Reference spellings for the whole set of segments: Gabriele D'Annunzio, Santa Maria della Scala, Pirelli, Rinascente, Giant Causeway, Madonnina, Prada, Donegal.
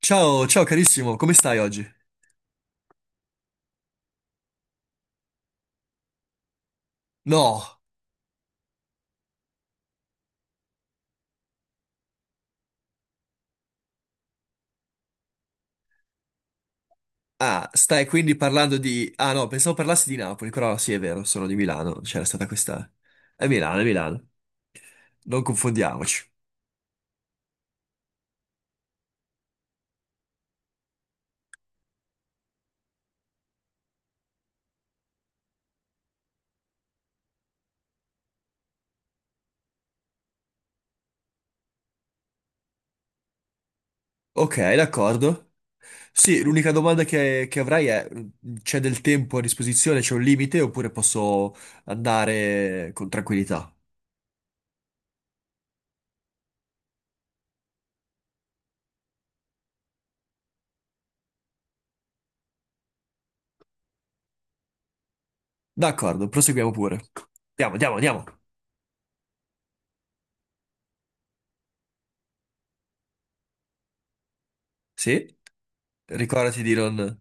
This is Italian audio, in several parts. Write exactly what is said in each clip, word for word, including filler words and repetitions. Ciao, ciao carissimo, come stai oggi? No, ah, stai quindi parlando di... Ah no, pensavo parlassi di Napoli, però sì, è vero, sono di Milano, c'era stata questa... È Milano, è Milano, non confondiamoci. Ok, d'accordo. Sì, l'unica domanda che, che avrai è, mh, c'è del tempo a disposizione, c'è un limite oppure posso andare con tranquillità? D'accordo, proseguiamo pure. Andiamo, andiamo, andiamo. Sì, ricordati di non,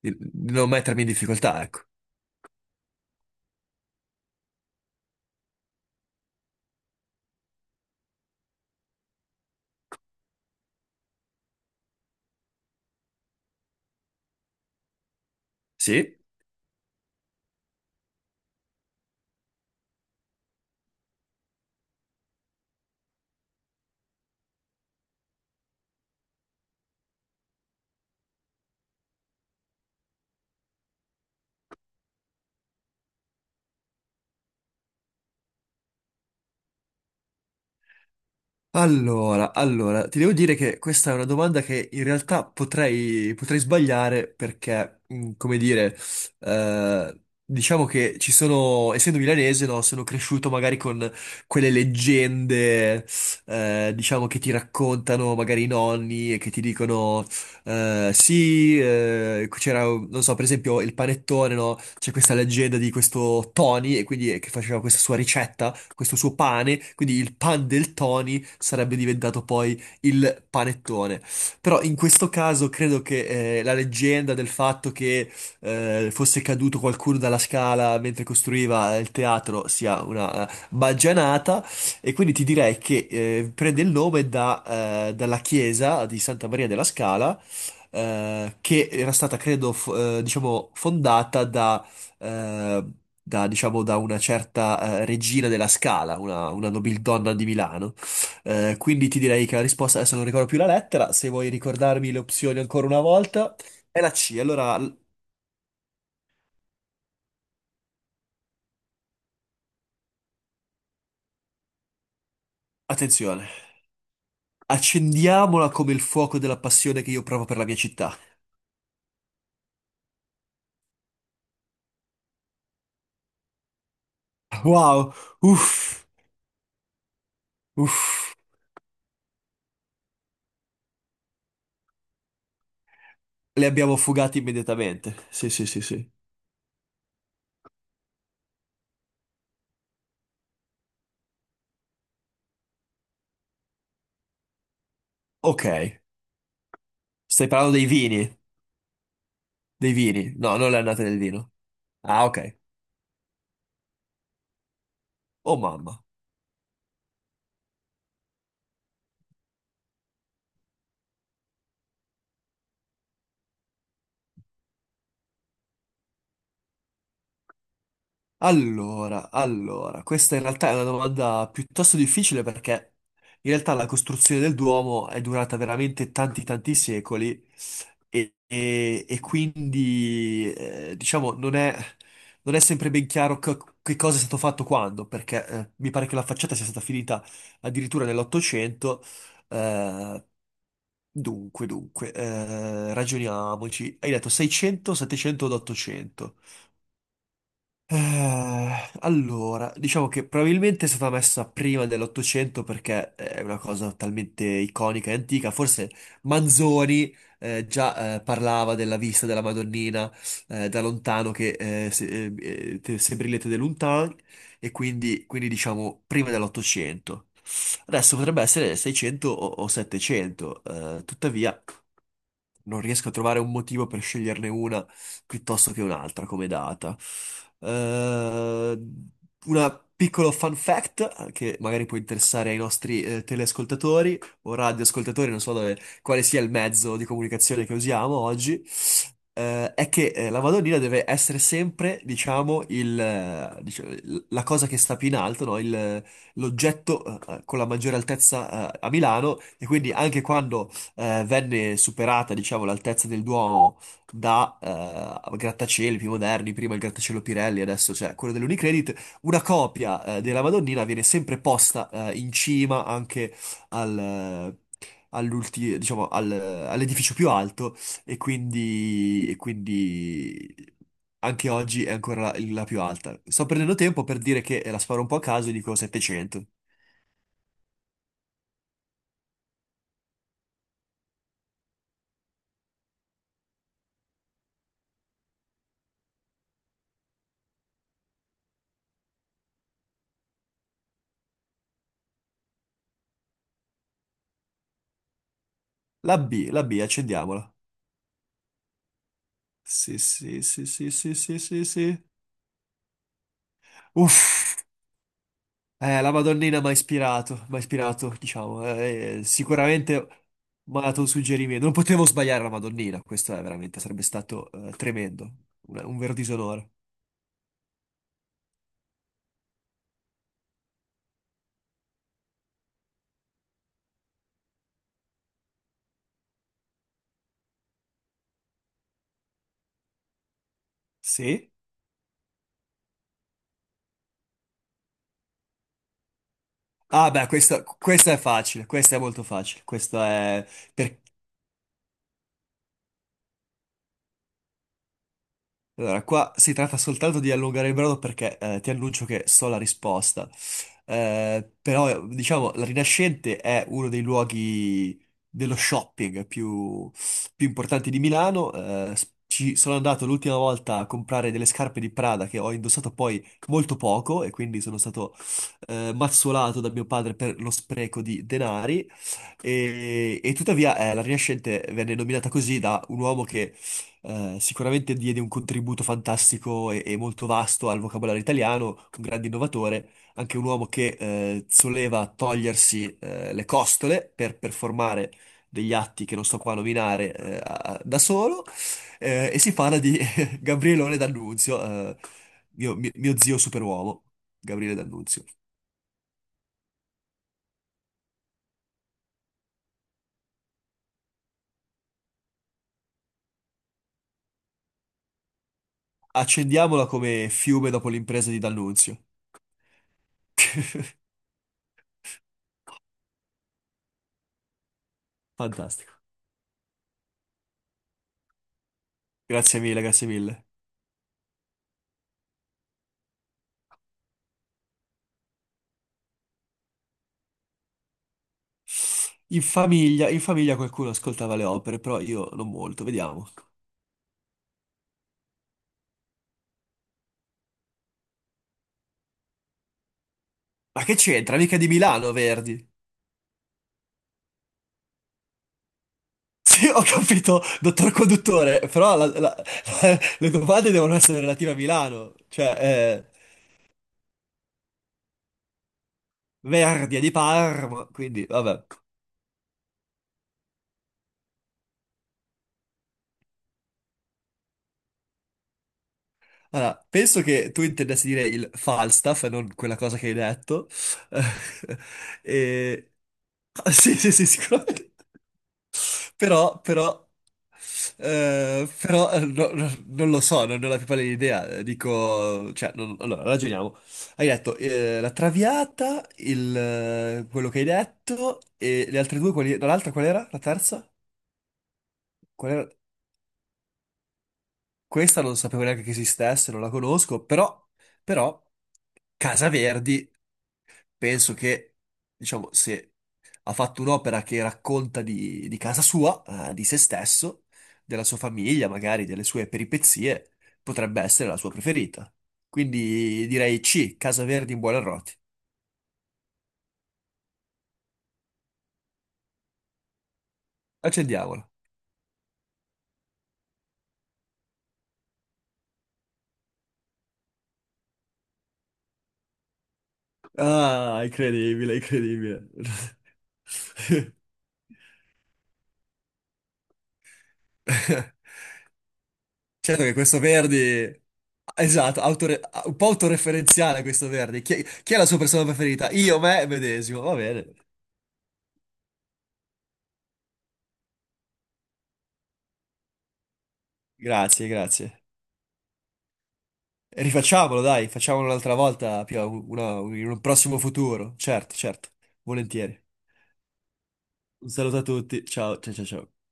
di di non mettermi in difficoltà, ecco. Sì. Allora, allora, ti devo dire che questa è una domanda che in realtà potrei, potrei sbagliare perché, mh, come dire, eh, diciamo che ci sono, essendo milanese, no, sono cresciuto magari con quelle leggende, eh, diciamo, che ti raccontano magari i nonni e che ti dicono eh, sì, eh, c'era, non so, per esempio il panettone, no? C'è questa leggenda di questo Tony, e quindi eh, che faceva questa sua ricetta, questo suo pane, quindi il pan del Tony sarebbe diventato poi il panettone. Però in questo caso credo che eh, la leggenda del fatto che eh, fosse caduto qualcuno dalla scala mentre costruiva il teatro sia una eh, baggianata, e quindi ti direi che eh, prende il nome da, eh, dalla chiesa di Santa Maria della Scala, eh, che era stata, credo, f- eh, diciamo, fondata da, eh, da, diciamo, da una certa eh, regina della Scala, una, una nobildonna di Milano. Eh, quindi ti direi che la risposta, adesso non ricordo più la lettera, se vuoi ricordarmi le opzioni ancora una volta, è la C. Allora, l- attenzione, accendiamola come il fuoco della passione che io provo per la mia città. Wow, uff, uff, le abbiamo fugate immediatamente. Sì, sì, sì, sì. Ok, stai parlando dei vini. Dei vini? No, non le annate del vino. Ah, ok. Oh mamma. Allora, allora, questa in realtà è una domanda piuttosto difficile perché in realtà la costruzione del Duomo è durata veramente tanti tanti secoli e, e- e quindi eh, diciamo non è, non è sempre ben chiaro co- che cosa è stato fatto quando, perché eh, mi pare che la facciata sia stata finita addirittura nell'Ottocento. eh, Dunque, dunque, eh, ragioniamoci. Hai detto seicento, settecento ed ottocento. Eh, allora, diciamo che probabilmente è stata messa prima dell'Ottocento perché è una cosa talmente iconica e antica. Forse Manzoni eh, già eh, parlava della vista della Madonnina eh, da lontano che eh, se, eh, eh, te- se brillete de lontan, e quindi, quindi diciamo prima dell'Ottocento. Adesso potrebbe essere seicento o, o settecento, eh, tuttavia non riesco a trovare un motivo per sceglierne una piuttosto che un'altra come data. Eh, una piccolo fun fact eh, che magari può interessare ai nostri eh, teleascoltatori o radioascoltatori, non so dove- quale sia il mezzo di comunicazione che usiamo oggi, eh, è che eh, la Madonnina deve essere sempre, diciamo, il, eh, diciamo, il- la cosa che sta più in alto, no? Il- eh, l'oggetto eh, eh, con la maggiore altezza eh, a Milano, e quindi anche quando eh, venne superata, diciamo, l'altezza del Duomo da eh, grattacieli più moderni, prima il grattacielo Pirelli, adesso c'è quello dell'Unicredit, una copia eh, della Madonnina viene sempre posta eh, in cima anche al, eh, all'ulti- diciamo, al- all'edificio più alto, e quindi, e quindi anche oggi è ancora la, la più alta. Sto prendendo tempo per dire che eh, la sparo un po' a caso e dico settecento. La B, la B, accendiamola. Sì, sì, sì, sì, sì, sì, sì, sì. Uff. Eh, la Madonnina mi ha ispirato, mi ha ispirato, diciamo, eh, eh, sicuramente mi ha dato un suggerimento. Non potevo sbagliare la Madonnina, questo è veramente, sarebbe stato eh, tremendo, un, un vero disonore. Sì? Ah, beh, questa, questa è facile, questa è molto facile, questa è per, Allora, qua si tratta soltanto di allungare il brodo perché eh, ti annuncio che so la risposta. Eh, però, eh, diciamo, la Rinascente è uno dei luoghi dello shopping più, più importanti di Milano. Eh, s- ci sono andato l'ultima volta a comprare delle scarpe di Prada che ho indossato poi molto poco e quindi sono stato eh, mazzolato da mio padre per lo spreco di denari. E, e tuttavia eh, la Rinascente venne nominata così da un uomo che eh, sicuramente diede un contributo fantastico e, e molto vasto al vocabolario italiano, un grande innovatore, anche un uomo che eh, soleva togliersi eh, le costole per performare degli atti che non sto qua a nominare eh, a- da solo, eh, e si parla di Gabrielone D'Annunzio, eh, mio, mio mio zio superuomo, Gabriele D'Annunzio. Accendiamola come fiume dopo l'impresa di D'Annunzio. Fantastico. Grazie mille, grazie mille. In famiglia, in famiglia qualcuno ascoltava le opere, però io non molto, vediamo. Ma che c'entra? Mica di Milano, Verdi. Sì, ho capito, dottor conduttore, però la- la- le domande devono essere relative a Milano. Cioè, eh, Verdi è di Parma, quindi vabbè. Allora, penso che tu intendessi dire il Falstaff, e non quella cosa che hai detto. Eh, e- sì, sì, sì, sicuramente. Però, però, eh, però eh, no- no- non lo so, non ne ho la più pallida idea. Dico, cioè, non- allora, ragioniamo. Hai detto eh, la Traviata, il, eh, quello che hai detto, e le altre due, quali, no, l'altra qual era? La terza? Qual era? Questa non sapevo neanche che esistesse, non la conosco, però, però, Casa Verdi. Penso che, diciamo, se ha fatto un'opera che racconta di, di casa sua, eh, di se stesso, della sua famiglia, magari delle sue peripezie, potrebbe essere la sua preferita. Quindi direi C, Casa Verdi in Buonarroti. Accendiamola. Ah, incredibile, incredibile. Certo che questo Verdi... Esatto, autore- un po' autoreferenziale questo Verdi. Chi chi è la sua persona preferita? Io, me, medesimo. Va bene. Grazie, grazie. Rifacciamolo, dai, facciamolo un'altra volta, Pio, una- in un prossimo futuro. Certo, certo, volentieri. Un saluto a tutti, ciao, ciao, ciao, ciao.